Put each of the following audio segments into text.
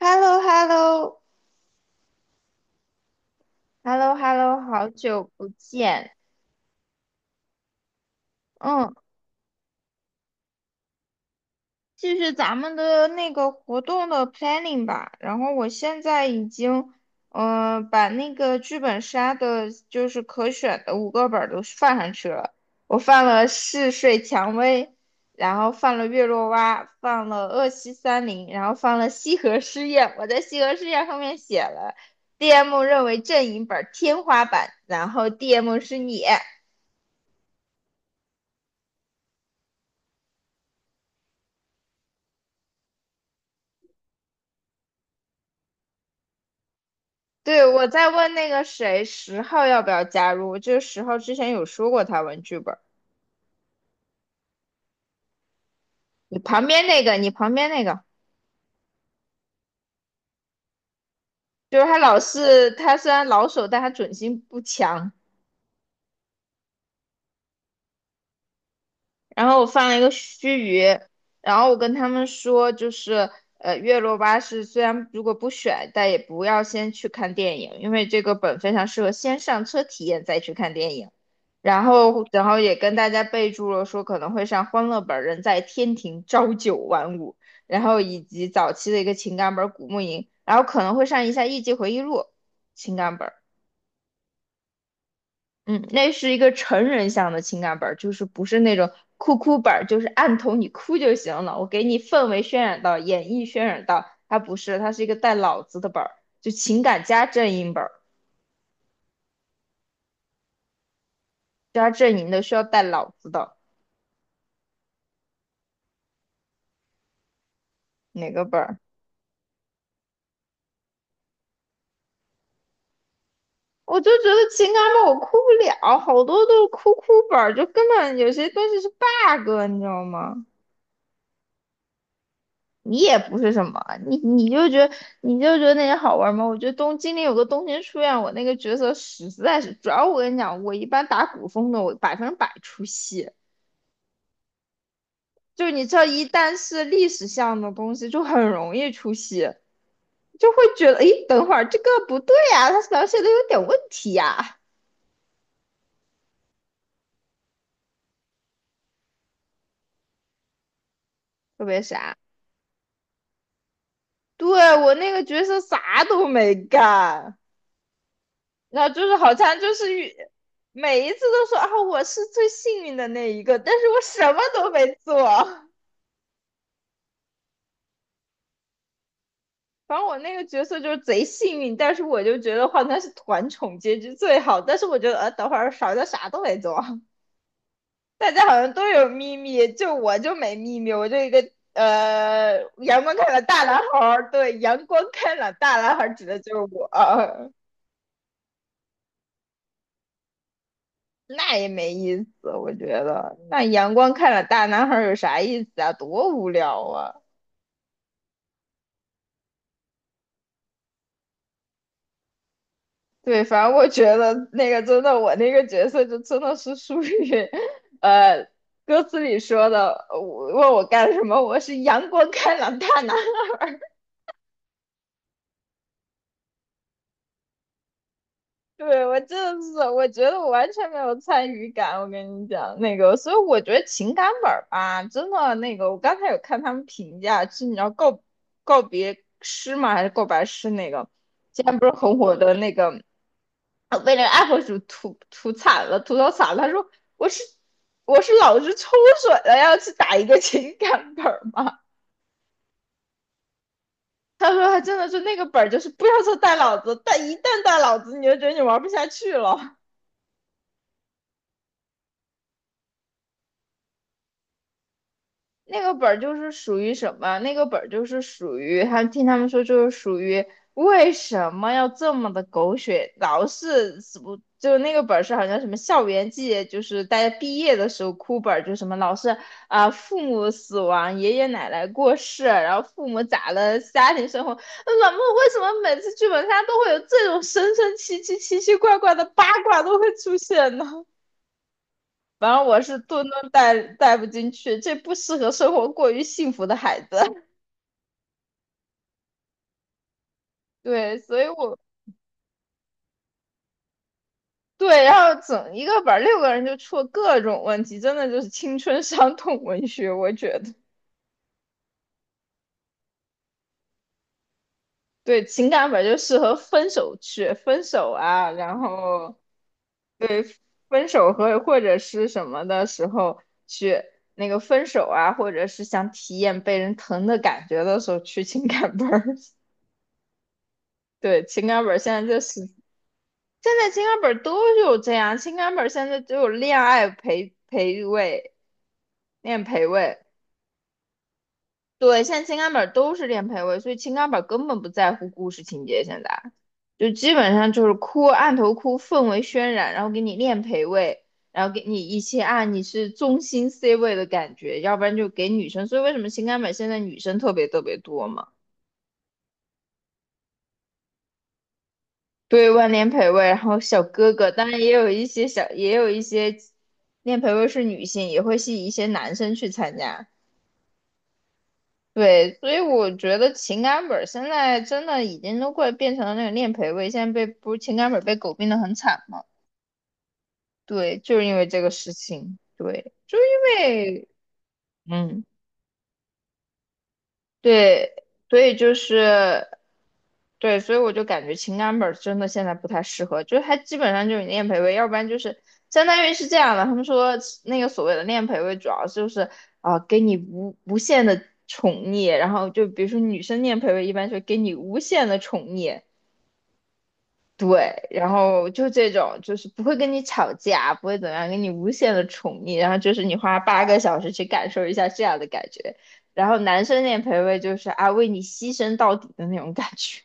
h e l l o h e l l o h e l l o h e l l o 好久不见。嗯，继续咱们的那个活动的 planning 吧。然后我现在已经，把那个剧本杀的，就是可选的五个本儿都放上去了。我放了嗜睡蔷薇，然后放了月落蛙，放了恶西三零，然后放了西河试验。我在西河试验上面写了 DM 认为阵营本儿天花板，然后 DM 是你。对，我在问那个谁，十号要不要加入？就是十号之前有说过他玩剧本儿。你旁边那个，就是他虽然老手，但他准心不强。然后我放了一个须臾，然后我跟他们说，就是月落巴士虽然如果不选，但也不要先去看电影，因为这个本非常适合先上车体验再去看电影。然后也跟大家备注了说可能会上《欢乐本》人在天庭朝九晚五，然后以及早期的一个情感本《古墓吟》，然后可能会上一下《艺伎回忆录》情感本。嗯，那是一个成人向的情感本儿，就是不是那种哭哭本儿，就是按头你哭就行了。我给你氛围渲染到，演绎渲染到，它不是，它是一个带脑子的本儿，就情感加阵营本儿，加阵营的需要带脑子的哪个本儿？我就觉得情感本儿我哭不了，好多都是哭哭本儿，就根本有些东西是 bug，你知道吗？你也不是什么，你你就觉得你就觉得那些好玩吗？我觉得东京里有个东京书院，我那个角色实在是，主要我跟你讲，我一般打古风的，我百分之百出戏，就是你知道，一旦是历史向的东西，就很容易出戏，就会觉得，诶，等会儿这个不对呀、他描写的有点问题呀、特别傻。对，我那个角色啥都没干，那就是好像就是每一次都说啊，我是最幸运的那一个，但是我什么都没做。反正我那个角色就是贼幸运，但是我就觉得好他是团宠结局最好。但是我觉得，等会儿少的啥都没做，大家好像都有秘密，就我就没秘密，我就一个阳光开朗大男孩儿，对，阳光开朗大男孩儿指的就是我，那也没意思，我觉得那阳光开朗大男孩儿有啥意思啊？多无聊啊！对，反正我觉得那个真的，我那个角色就真的是属于，呃，歌词里说的，我问我干什么，我是阳光开朗大男。对，我真的是，我觉得我完全没有参与感。我跟你讲，那个，所以我觉得情感本儿吧，真的那个，我刚才有看他们评价，是你要告别诗吗？还是告白诗那个？现在不是很火的那个我被那个 UP 主吐槽惨了。他说我是我是老是抽水了，要去打一个情感本儿吗？他说他真的是那个本儿就是不要说带老子，但一旦带老子，你就觉得你玩不下去了。那个本儿就是属于什么？那个本儿就是属于，还听他们说就是属于为什么要这么的狗血？老是死不就那个本儿是好像什么校园季，就是大家毕业的时候哭本儿，就什么老是啊、父母死亡、爷爷奶奶过世，然后父母咋了，家庭生活，那怎么为什么每次剧本杀都会有这种神神奇奇、奇奇怪怪的八卦都会出现呢？反正我是顿顿带带不进去，这不适合生活过于幸福的孩子。对，所以我对，然后整一个本儿六个人就出了各种问题，真的就是青春伤痛文学，我觉得。对，情感本就适合分手去分手啊，然后分手和或者是什么的时候去那个分手啊，或者是想体验被人疼的感觉的时候去情感本儿。对，情感本儿现在就是现在情感本都有这样，情感本现在都有恋爱陪位、恋陪位，对，现在情感本都是恋陪位，所以情感本根本不在乎故事情节，现在就基本上就是哭，按头哭，氛围渲染，然后给你恋陪位，然后给你一些啊你是中心 C 位的感觉，要不然就给女生，所以为什么情感本现在女生特别特别多嘛？对，万年培位，然后小哥哥，当然也有一些练培位是女性，也会吸引一些男生去参加。对，所以我觉得情感本儿现在真的已经都快变成了那个练培位，现在被不是情感本儿被狗病的很惨嘛？对，就是因为这个事情，对，就因为嗯，对，所以就是。对，所以我就感觉情感本儿真的现在不太适合，就是它基本上就是你练陪位，要不然就是相当于是这样的。他们说那个所谓的练陪位，主要就是啊、给你无限的宠溺，然后就比如说女生练陪位，一般就给你无限的宠溺，对，然后就这种就是不会跟你吵架，不会怎么样，给你无限的宠溺，然后就是你花8个小时去感受一下这样的感觉，然后男生练陪位就是啊为你牺牲到底的那种感觉。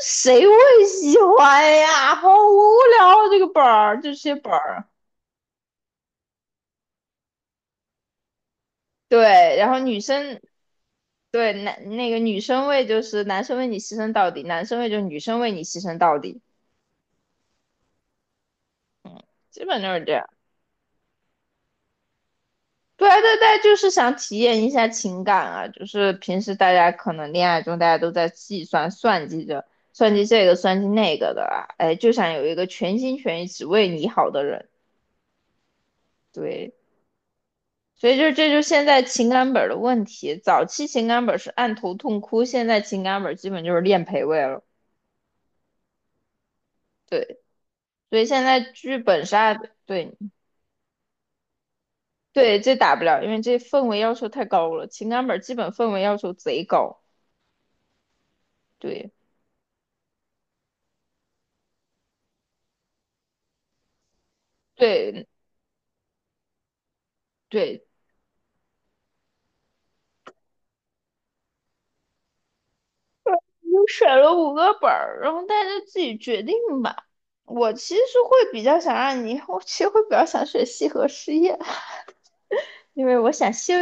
谁会喜欢呀？好无聊啊，这个本儿，这些本儿。对，然后女生对男那个女生为就是男生为你牺牲到底，男生为就是女生为你牺牲到底，基本就是这样。对啊对对，就是想体验一下情感啊，就是平时大家可能恋爱中大家都在计算算计着算计这个算计那个的啊，哎，就想有一个全心全意只为你好的人。对，所以就这就是现在情感本儿的问题。早期情感本儿是按头痛哭，现在情感本儿基本就是练陪位了。对，所以现在剧本杀，对对，这打不了，因为这氛围要求太高了。情感本儿基本氛围要求贼高。对对对，我选了五个本儿，然后大家自己决定吧。我其实会比较想让你，我其实会比较想选西河实业，因为我想休。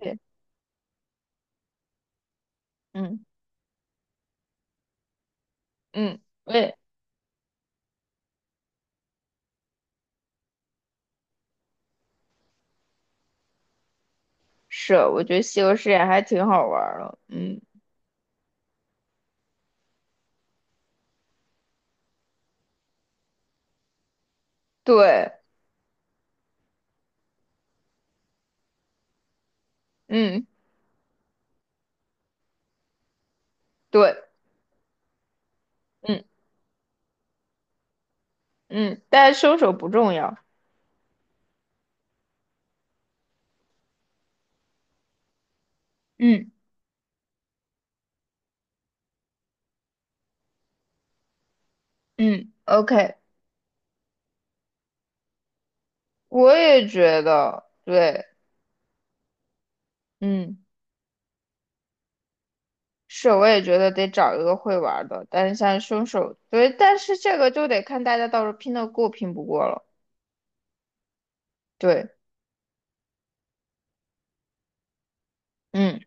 对，嗯嗯，对。是，我觉得西游世界还挺好玩儿的。嗯，对，嗯，对，嗯嗯，但是凶手不重要。嗯嗯，OK，我也觉得，对，嗯，是，我也觉得得找一个会玩儿的。但是像凶手，对，但是这个就得看大家到时候拼得过拼不过了。对，嗯，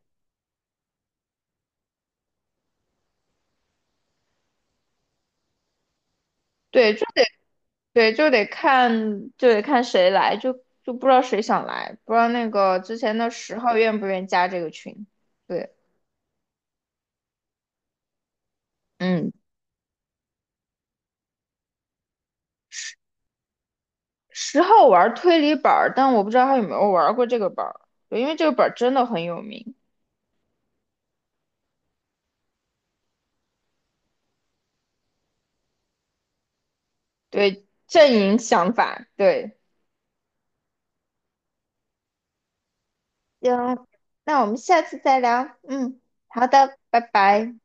对，就对，就得看谁来，就不知道谁想来，不知道那个之前的十号愿不愿意加这个群。对，嗯。十号玩推理本儿，但我不知道他有没有玩过这个本儿，对，因为这个本儿真的很有名。对，阵营想法，对，行，那我们下次再聊。嗯，好的，拜拜。